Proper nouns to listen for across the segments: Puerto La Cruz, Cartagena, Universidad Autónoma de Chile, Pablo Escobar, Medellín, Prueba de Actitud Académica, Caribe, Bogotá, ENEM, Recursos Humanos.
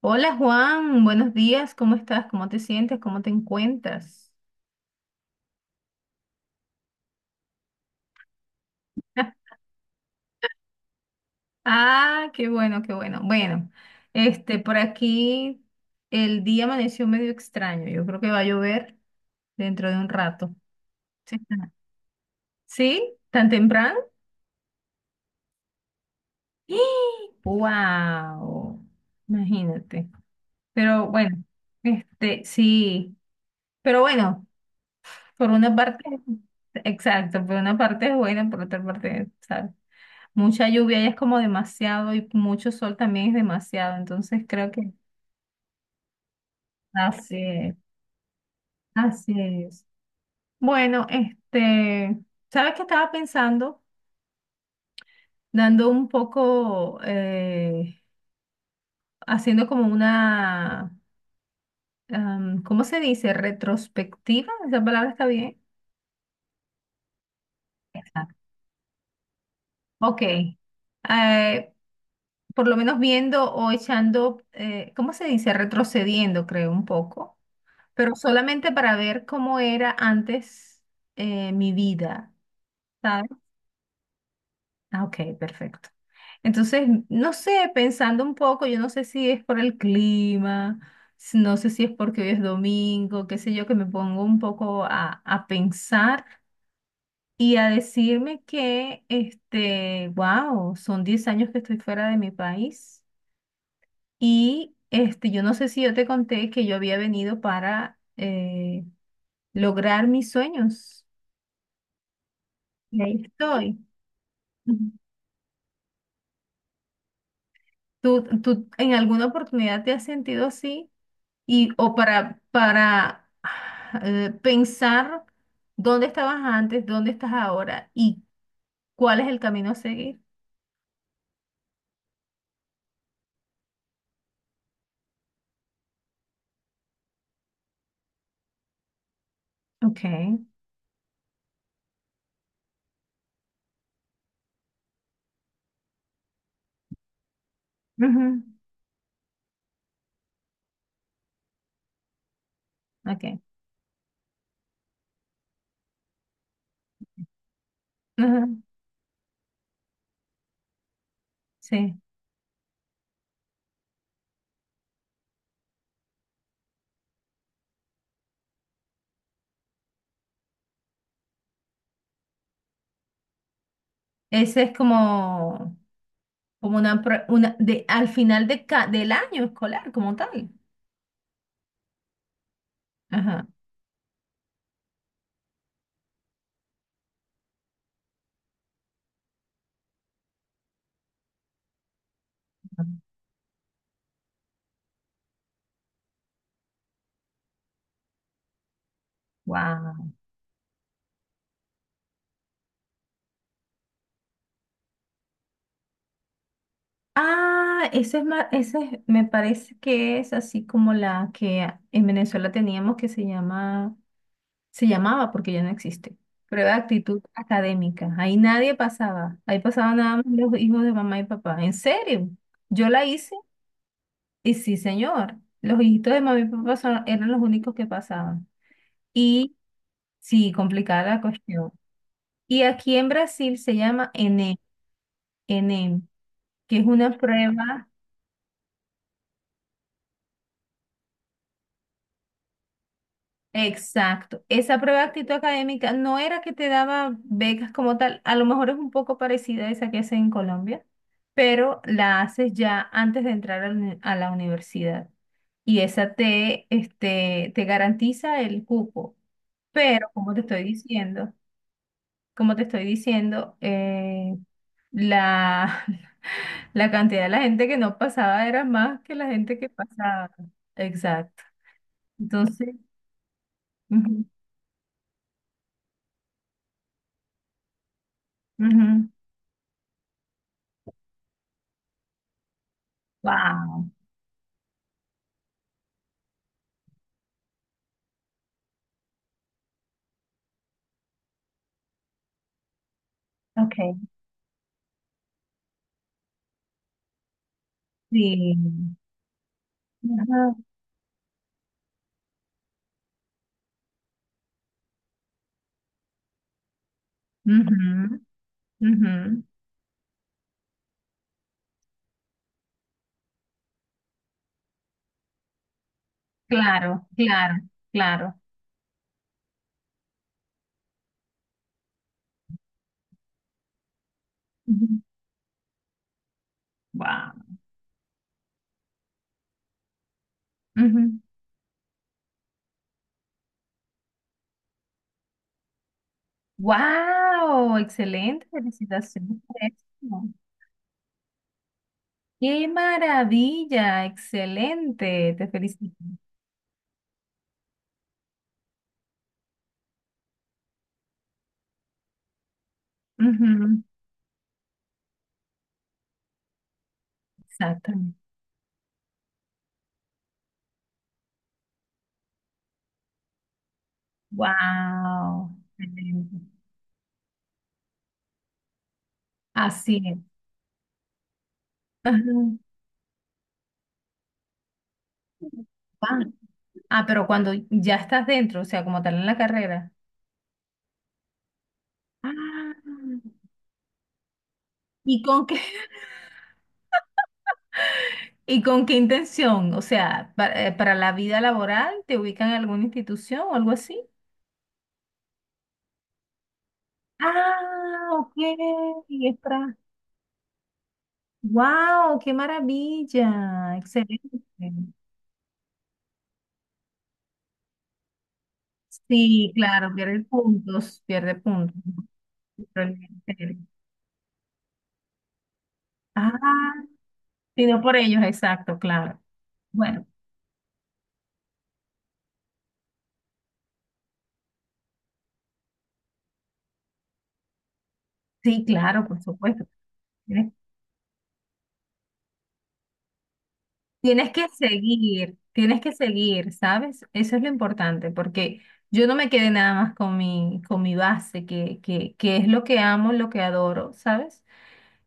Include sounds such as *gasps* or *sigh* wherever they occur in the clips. Hola Juan, buenos días, ¿cómo estás? ¿Cómo te sientes? ¿Cómo te encuentras? Ah, qué bueno, qué bueno. Bueno, por aquí el día amaneció medio extraño. Yo creo que va a llover dentro de un rato. ¿Sí? ¿Sí? ¿Tan temprano? *gasps* ¡Wow! Imagínate. Pero bueno, sí. Pero bueno, por una parte, exacto, por una parte es buena, por otra parte, ¿sabes? Mucha lluvia y es como demasiado y mucho sol también es demasiado, entonces creo que así es, así es. Bueno, ¿sabes qué estaba pensando? Dando un poco, haciendo como una, ¿cómo se dice? Retrospectiva, esa palabra está bien. Exacto. Ok. Por lo menos viendo o echando, ¿cómo se dice? Retrocediendo, creo, un poco, pero solamente para ver cómo era antes, mi vida, ¿sabes? Ah, ok, perfecto. Entonces, no sé, pensando un poco, yo no sé si es por el clima, no sé si es porque hoy es domingo, qué sé yo, que me pongo un poco a pensar y a decirme que, wow, son 10 años que estoy fuera de mi país y, yo no sé si yo te conté que yo había venido para lograr mis sueños. Y ahí estoy. Ujú. ¿Tú en alguna oportunidad te has sentido así? Y, o para pensar dónde estabas antes, dónde estás ahora y cuál es el camino a seguir. Ok, ujú, ok, ujú, sí. Ese es como una, una de, al final de del año escolar como tal. Ajá. Wow. Ah, ese es más, me parece que es así como la que en Venezuela teníamos que se llama, se llamaba porque ya no existe. Prueba de actitud académica. Ahí nadie pasaba. Ahí pasaban nada más los hijos de mamá y papá. ¿En serio? Yo la hice y sí, señor. Los hijitos de mamá y papá eran los únicos que pasaban. Y sí, complicada la cuestión. Y aquí en Brasil se llama ENEM, ENEM, que es una prueba. Exacto. Esa prueba de actitud académica no era que te daba becas como tal, a lo mejor es un poco parecida a esa que hacen en Colombia, pero la haces ya antes de entrar a la a la universidad. Y esa te, te garantiza el cupo. Pero, como te estoy diciendo, como te estoy diciendo, la, *laughs* la cantidad de la gente que no pasaba era más que la gente que pasaba. Exacto. Entonces, ujú, ujú. Wow. Ok, sí. Ajá. Ujú, ujú. Claro, claro, claro. Ujú. Wow. Ujú. Wow, excelente, felicitaciones por eso. Qué maravilla, excelente, te felicito. Ujú. Exactamente. Wow, excelente. Así es. Ajá. Ah, ah, pero cuando ya estás dentro, o sea, como tal en la carrera. Ah, ¿y con qué? ¿Y con qué intención? O sea, para, la vida laboral, ¿te ubican en alguna institución o algo así? Ah, ok. Y es para. ¡Wow! ¡Qué maravilla! Excelente. Sí, claro, pierde puntos, pierde puntos. Realmente. Ah, sino por ellos, exacto, claro. Bueno, sí, claro, por supuesto. Tienes que seguir, ¿sabes? Eso es lo importante, porque yo no me quedé nada más con mi base, que es lo que amo, lo que adoro, ¿sabes?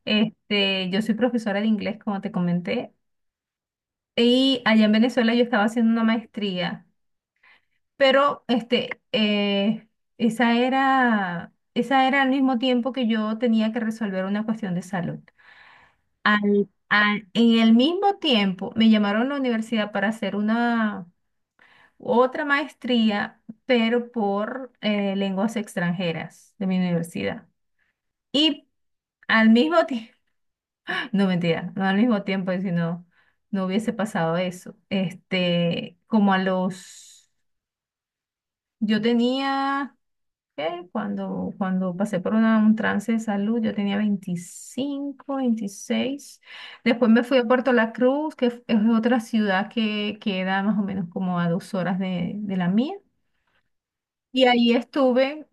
Yo soy profesora de inglés, como te comenté, y allá en Venezuela yo estaba haciendo una maestría, pero esa era al mismo tiempo que yo tenía que resolver una cuestión de salud. En el mismo tiempo me llamaron a la universidad para hacer una otra maestría, pero por lenguas extranjeras de mi universidad. Y al mismo tiempo, *laughs* no mentira, no al mismo tiempo, si no, no hubiese pasado eso. Como a los, yo tenía, ¿qué? Cuando pasé por un trance de salud, yo tenía 25, 26. Después me fui a Puerto La Cruz, que es otra ciudad que queda más o menos como a 2 horas de la mía. Y ahí estuve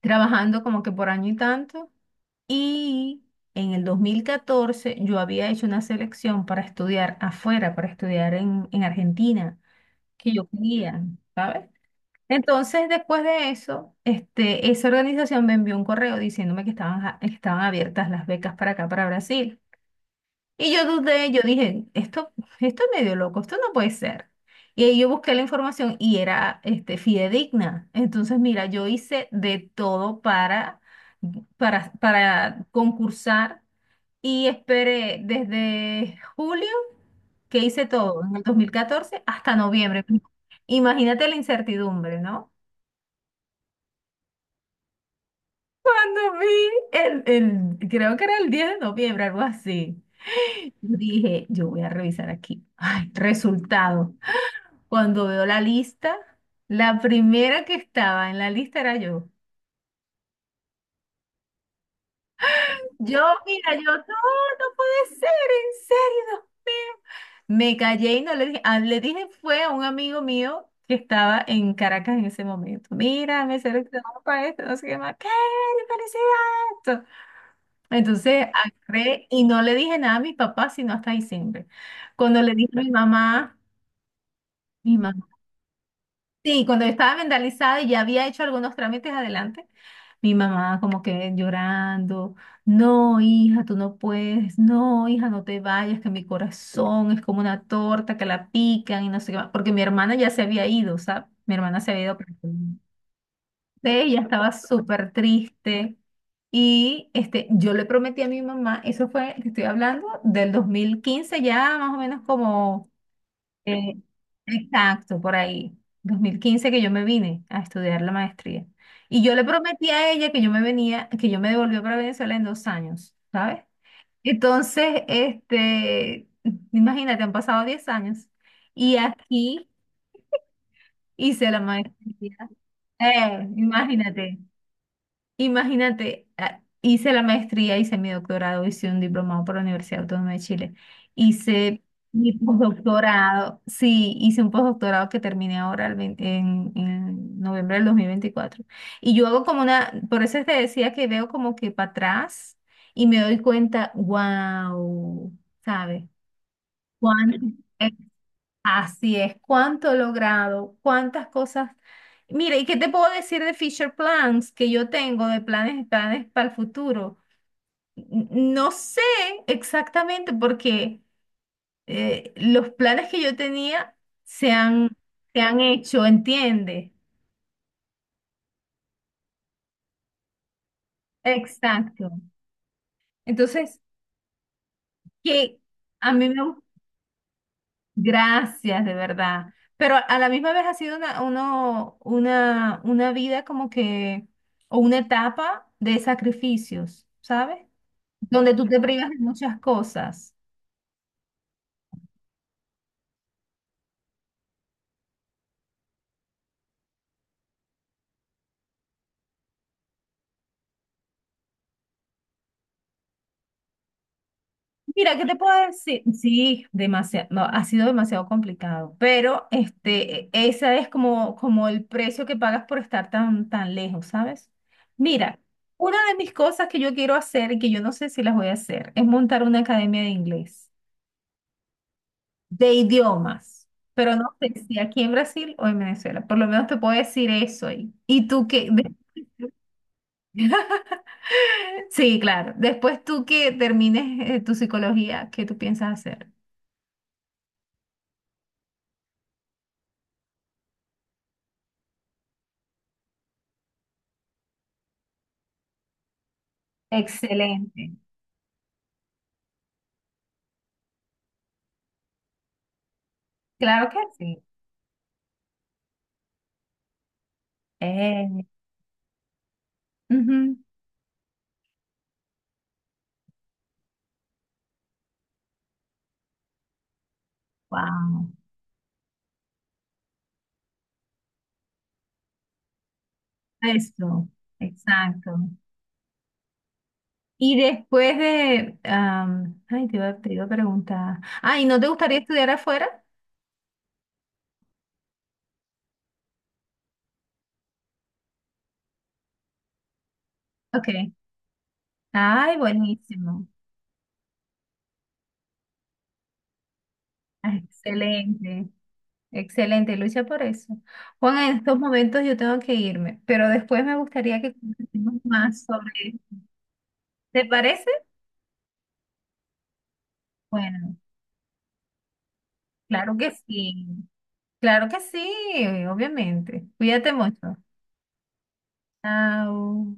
trabajando como que por año y tanto. Y en el 2014 yo había hecho una selección para estudiar afuera, para estudiar en Argentina, que yo quería, ¿sabes? Entonces, después de eso, esa organización me envió un correo diciéndome que estaban abiertas las becas para acá, para Brasil. Y yo dudé, yo dije, esto es medio loco, esto no puede ser. Y ahí yo busqué la información y era, fidedigna. Entonces, mira, yo hice de todo para concursar y esperé desde julio, que hice todo en el 2014 hasta noviembre. Imagínate la incertidumbre, ¿no? Cuando vi el, creo que era el 10 de noviembre, algo así. Dije, yo voy a revisar aquí. Ay, resultado. Cuando veo la lista, la primera que estaba en la lista era yo. Yo, mira, yo, no, no puede ser, en serio, Dios mío. Me callé y no le dije, ah, le dije fue a un amigo mío que estaba en Caracas en ese momento. Mira, me seleccionaron para esto, no sé qué más. ¡Qué felicidad! Entonces, agarré y no le dije nada a mis papás, sino hasta diciembre. Cuando le dije a mi mamá, sí, cuando yo estaba vendalizada y ya había hecho algunos trámites adelante. Mi mamá como que llorando, no, hija, tú no puedes, no, hija, no te vayas, que mi corazón es como una torta que la pican y no sé qué más, porque mi hermana ya se había ido, ¿sabes? Mi hermana se había ido para Colombia. Sí, ella estaba súper triste y yo le prometí a mi mamá, eso fue, te estoy hablando, del 2015 ya más o menos como eh, exacto, por ahí, 2015 que yo me vine a estudiar la maestría. Y yo le prometí a ella que yo me venía, que yo me devolvía para Venezuela en 2 años, ¿sabes? Entonces, imagínate, han pasado 10 años y aquí hice la maestría. Eh, imagínate, Imagínate, hice la maestría, hice mi doctorado, hice un diplomado por la Universidad Autónoma de Chile, hice mi postdoctorado, sí, hice un postdoctorado que terminé ahora el 20 en noviembre del 2024. Y yo hago como una, por eso te decía que veo como que para atrás y me doy cuenta, wow, ¿sabes? ¿Cuánto? Así es, cuánto he logrado, cuántas cosas. Mira, ¿y qué te puedo decir de Fisher Plans que yo tengo, de planes, planes para el futuro? N- No sé exactamente porque los planes que yo tenía se han, se han hecho, ¿entiendes? Exacto. Entonces, que a mí me. Gracias, de verdad. Pero a la misma vez ha sido una vida como que, o una etapa de sacrificios, ¿sabes? Donde tú te privas de muchas cosas. Mira, ¿qué te puedo decir? Sí, demasiado, no, ha sido demasiado complicado, pero ese es como el precio que pagas por estar tan, tan lejos, ¿sabes? Mira, una de mis cosas que yo quiero hacer y que yo no sé si las voy a hacer es montar una academia de inglés, de idiomas, pero no sé si aquí en Brasil o en Venezuela. Por lo menos te puedo decir eso ahí. Y tú que, *laughs* sí, claro. Después tú que termines tu psicología, ¿qué tú piensas hacer? Excelente. Claro que sí. Eh, Ujú. Wow. Eso, exacto. Y después de, ay, te iba a preguntar. Ay, ¿no te gustaría estudiar afuera? Ok. Ay, buenísimo. Excelente. Excelente, lucha por eso. Juan, en estos momentos yo tengo que irme, pero después me gustaría que conversemos más sobre esto. ¿Te parece? Bueno, claro que sí. Claro que sí, obviamente. Cuídate mucho. Chao.